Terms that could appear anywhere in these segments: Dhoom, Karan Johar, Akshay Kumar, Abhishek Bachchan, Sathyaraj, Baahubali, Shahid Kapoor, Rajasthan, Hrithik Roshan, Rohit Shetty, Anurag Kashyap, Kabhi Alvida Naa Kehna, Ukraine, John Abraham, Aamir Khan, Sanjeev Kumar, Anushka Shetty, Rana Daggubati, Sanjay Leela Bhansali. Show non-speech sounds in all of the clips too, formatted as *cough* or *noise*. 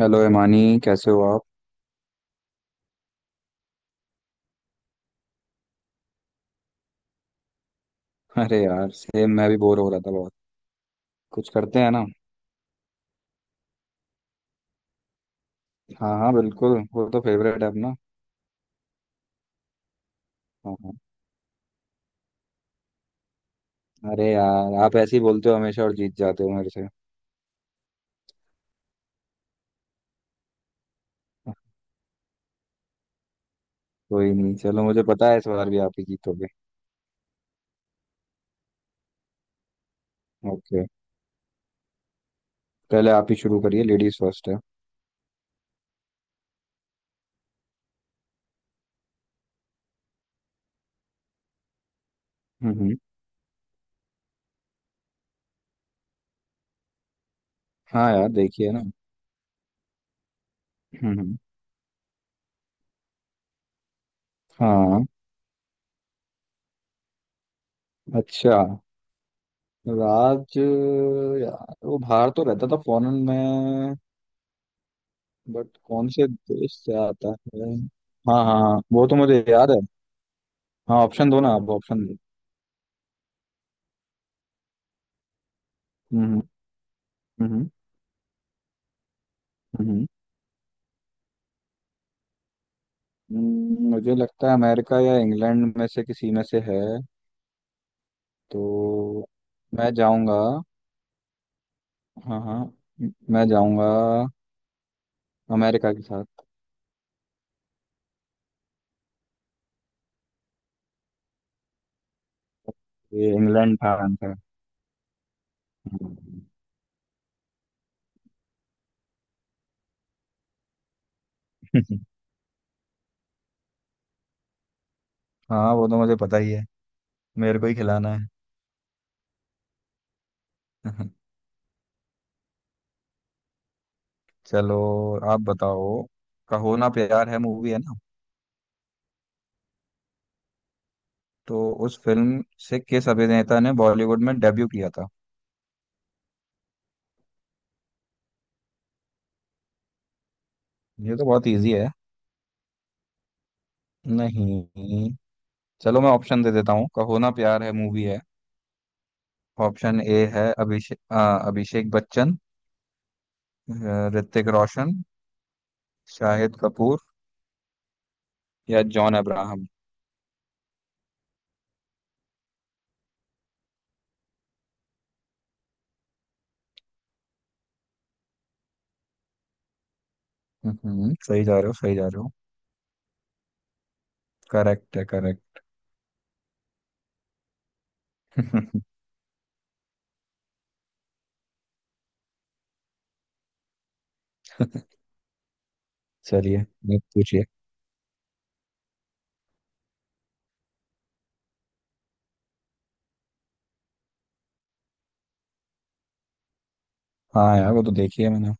Hello Imani, कैसे हो आप। अरे यार सेम, मैं भी बोर हो रहा था बहुत। कुछ करते हैं ना। हाँ हाँ बिल्कुल, वो तो फेवरेट है अपना। हाँ हाँ। अरे यार, आप ऐसे ही बोलते हो हमेशा और जीत जाते हो मेरे से। कोई नहीं, चलो मुझे पता है इस बार भी आप ही जीतोगे। ओके, पहले आप ही शुरू करिए, लेडीज फर्स्ट है। हम्म। हाँ यार, देखिए ना। हम्म। हाँ, अच्छा। राज? यार वो बाहर तो रहता था, फॉरेन में। बट कौन से देश से आता है। हाँ हाँ हाँ, वो तो मुझे याद है। हाँ, ऑप्शन दो ना आप, ऑप्शन दो। हम्म हम्म। हम्म, मुझे लगता है अमेरिका या इंग्लैंड में से किसी में से है। तो मैं जाऊंगा। हाँ हाँ। मैं जाऊंगा अमेरिका के साथ। ये इंग्लैंड था आंसर। हम्म। *laughs* हाँ, वो तो मुझे पता ही है। मेरे को ही खिलाना है। *laughs* चलो, आप बताओ। कहो ना प्यार है, मूवी है ना। तो उस फिल्म से किस अभिनेता ने बॉलीवुड में डेब्यू किया था। ये तो बहुत इजी है। नहीं, चलो मैं ऑप्शन दे देता हूँ। कहो ना प्यार है मूवी है। ऑप्शन ए है, अभिषेक अभिषेक बच्चन। ऋतिक रोशन, शाहिद कपूर या जॉन अब्राहम। सही जा रहे हो, सही जा रहे हो। करेक्ट है, करेक्ट। *laughs* चलिए आप पूछिए। हाँ यार, वो तो देखी है मैंने।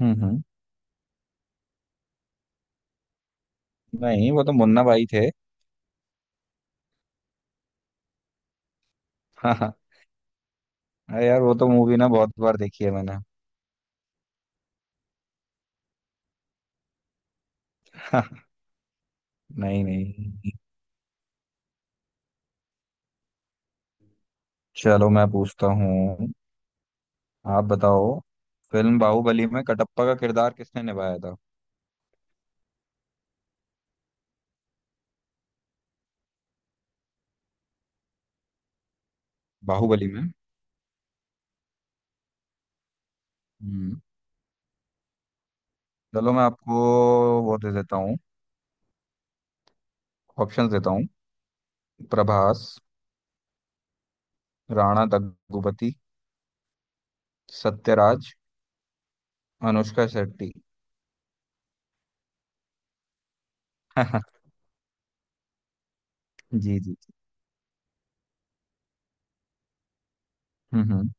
हम्म। नहीं, वो तो मुन्ना भाई थे। *laughs* हाँ। अरे यार, वो तो मूवी ना बहुत बार देखी है मैंने। *laughs* नहीं नहीं। चलो मैं पूछता हूँ, आप बताओ। फिल्म बाहुबली में कटप्पा का किरदार किसने निभाया था। बाहुबली में। हम्म, चलो मैं आपको वो दे देता हूँ। ऑप्शंस देता हूँ। प्रभास, राणा दग्गुबाती, सत्यराज, अनुष्का शेट्टी। *laughs* जी जी जी। हम्म,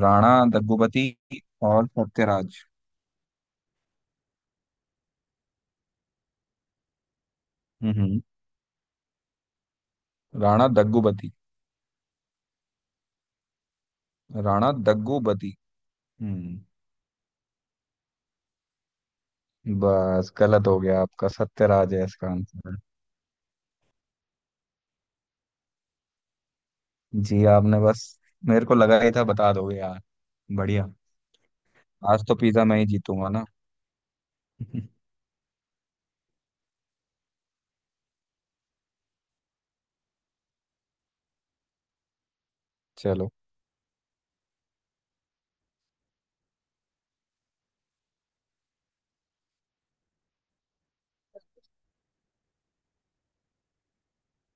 राणा दग्गुबाती और सत्यराज। हम्म, राणा दग्गुबाती। राणा दग्गुबाती। हम्म, बस गलत हो गया आपका, सत्यराज है इसका आंसर। जी आपने बस, मेरे को लगा ही था बता दोगे यार। बढ़िया। आज तो पिज्जा मैं ही जीतूंगा ना। *laughs* चलो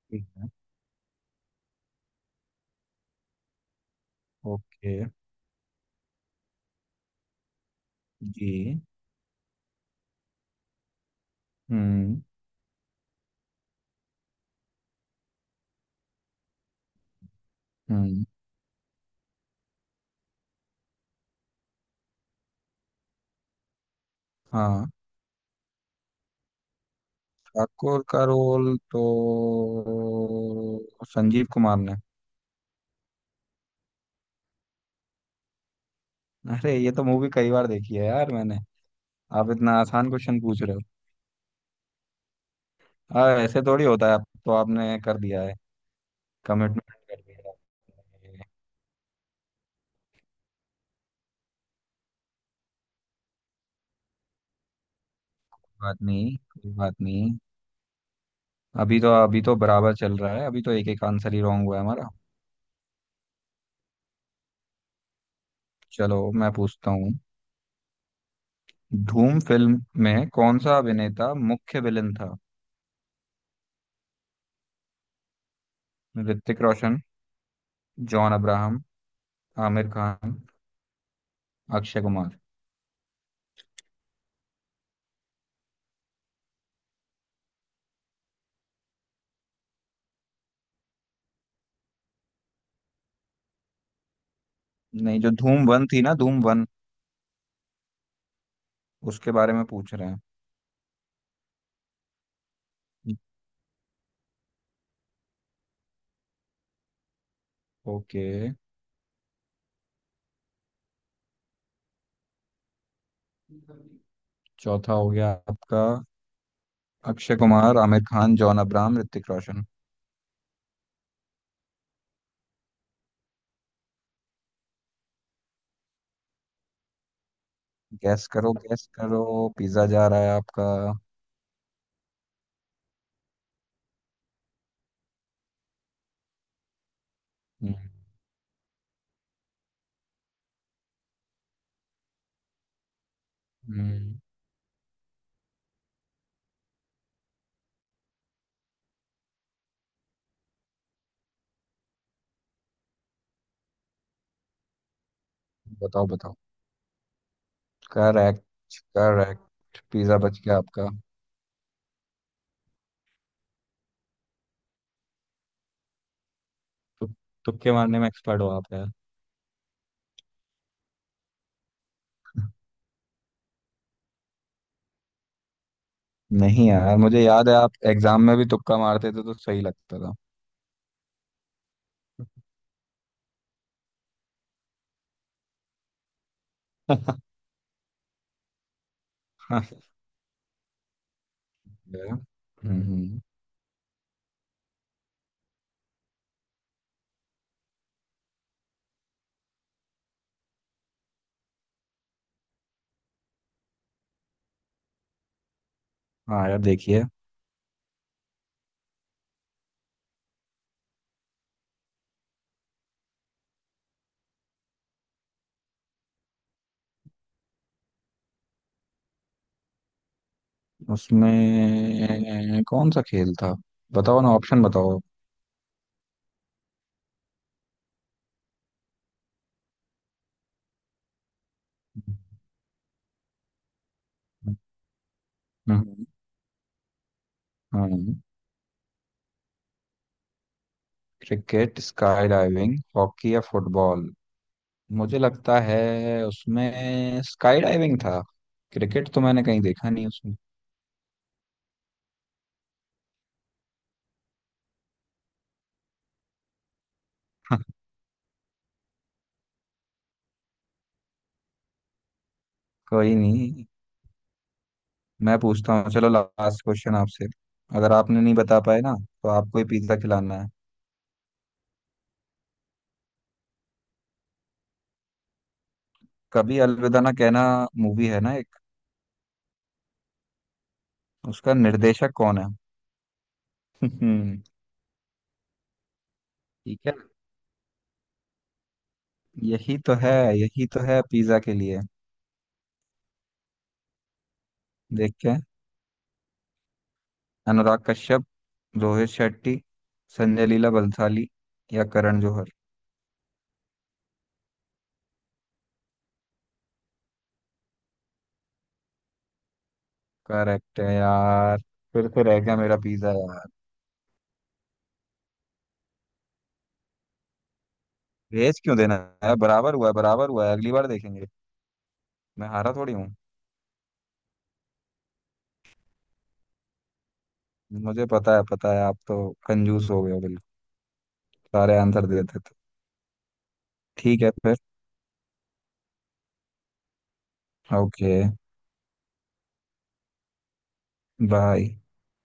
ठीक है। ओके। जी। हम्म हम्म। हाँ, ठाकुर का रोल तो संजीव कुमार ने। अरे, ये तो मूवी कई बार देखी है यार मैंने। आप इतना आसान क्वेश्चन पूछ रहे हो। हाँ ऐसे थोड़ी होता है, आप तो आपने कर दिया है, कमिटमेंट कर दिया है आपने। कोई बात नहीं, कोई बात नहीं। अभी तो बराबर चल रहा है, अभी तो एक एक आंसर ही रॉन्ग हुआ है हमारा। चलो मैं पूछता हूँ, धूम फिल्म में कौन सा अभिनेता मुख्य विलेन था। ऋतिक रोशन, जॉन अब्राहम, आमिर खान, अक्षय कुमार। नहीं, जो धूम वन थी ना, धूम वन उसके बारे में पूछ रहे हैं। ओके, चौथा हो गया आपका। अक्षय कुमार, आमिर खान, जॉन अब्राहम, ऋतिक रोशन। गैस करो, गैस करो, पिज्जा जा रहा है आपका। हम्म, हम्म, बताओ बताओ। करेक्ट। करेक्ट, पिज्जा बच गया आपका। तु, तुक्के मारने में एक्सपर्ट हो आप यार। नहीं यार, मुझे याद है आप एग्जाम में भी तुक्का मारते थे तो सही लगता था। *laughs* हम्म। हाँ यार, देखिए। उसमें कौन सा खेल था, बताओ ना ऑप्शन बताओ। हम्म हम्म। क्रिकेट, स्काई डाइविंग, हॉकी या फुटबॉल। मुझे लगता है उसमें स्काई डाइविंग था, क्रिकेट तो मैंने कहीं देखा नहीं उसमें। *laughs* कोई नहीं। मैं पूछता हूँ, चलो लास्ट क्वेश्चन आपसे। अगर आपने नहीं बता पाए ना, तो आपको ही पिज्जा खिलाना है। कभी अलविदा ना कहना मूवी है ना एक, उसका निर्देशक कौन है। *laughs* ठीक है, यही तो है, यही तो है पिज्जा के लिए। देख के। अनुराग कश्यप, रोहित शेट्टी, संजय लीला बंसाली या करण जौहर। करेक्ट है यार। फिर से रह गया मेरा पिज्जा यार। भेज क्यों देना है, बराबर हुआ है, बराबर हुआ है, अगली बार देखेंगे। मैं हारा थोड़ी हूँ। मुझे पता है, पता है, आप तो कंजूस हो गए हो बिल्कुल, सारे आंसर दे देते हो। ठीक है फिर। Okay, bye.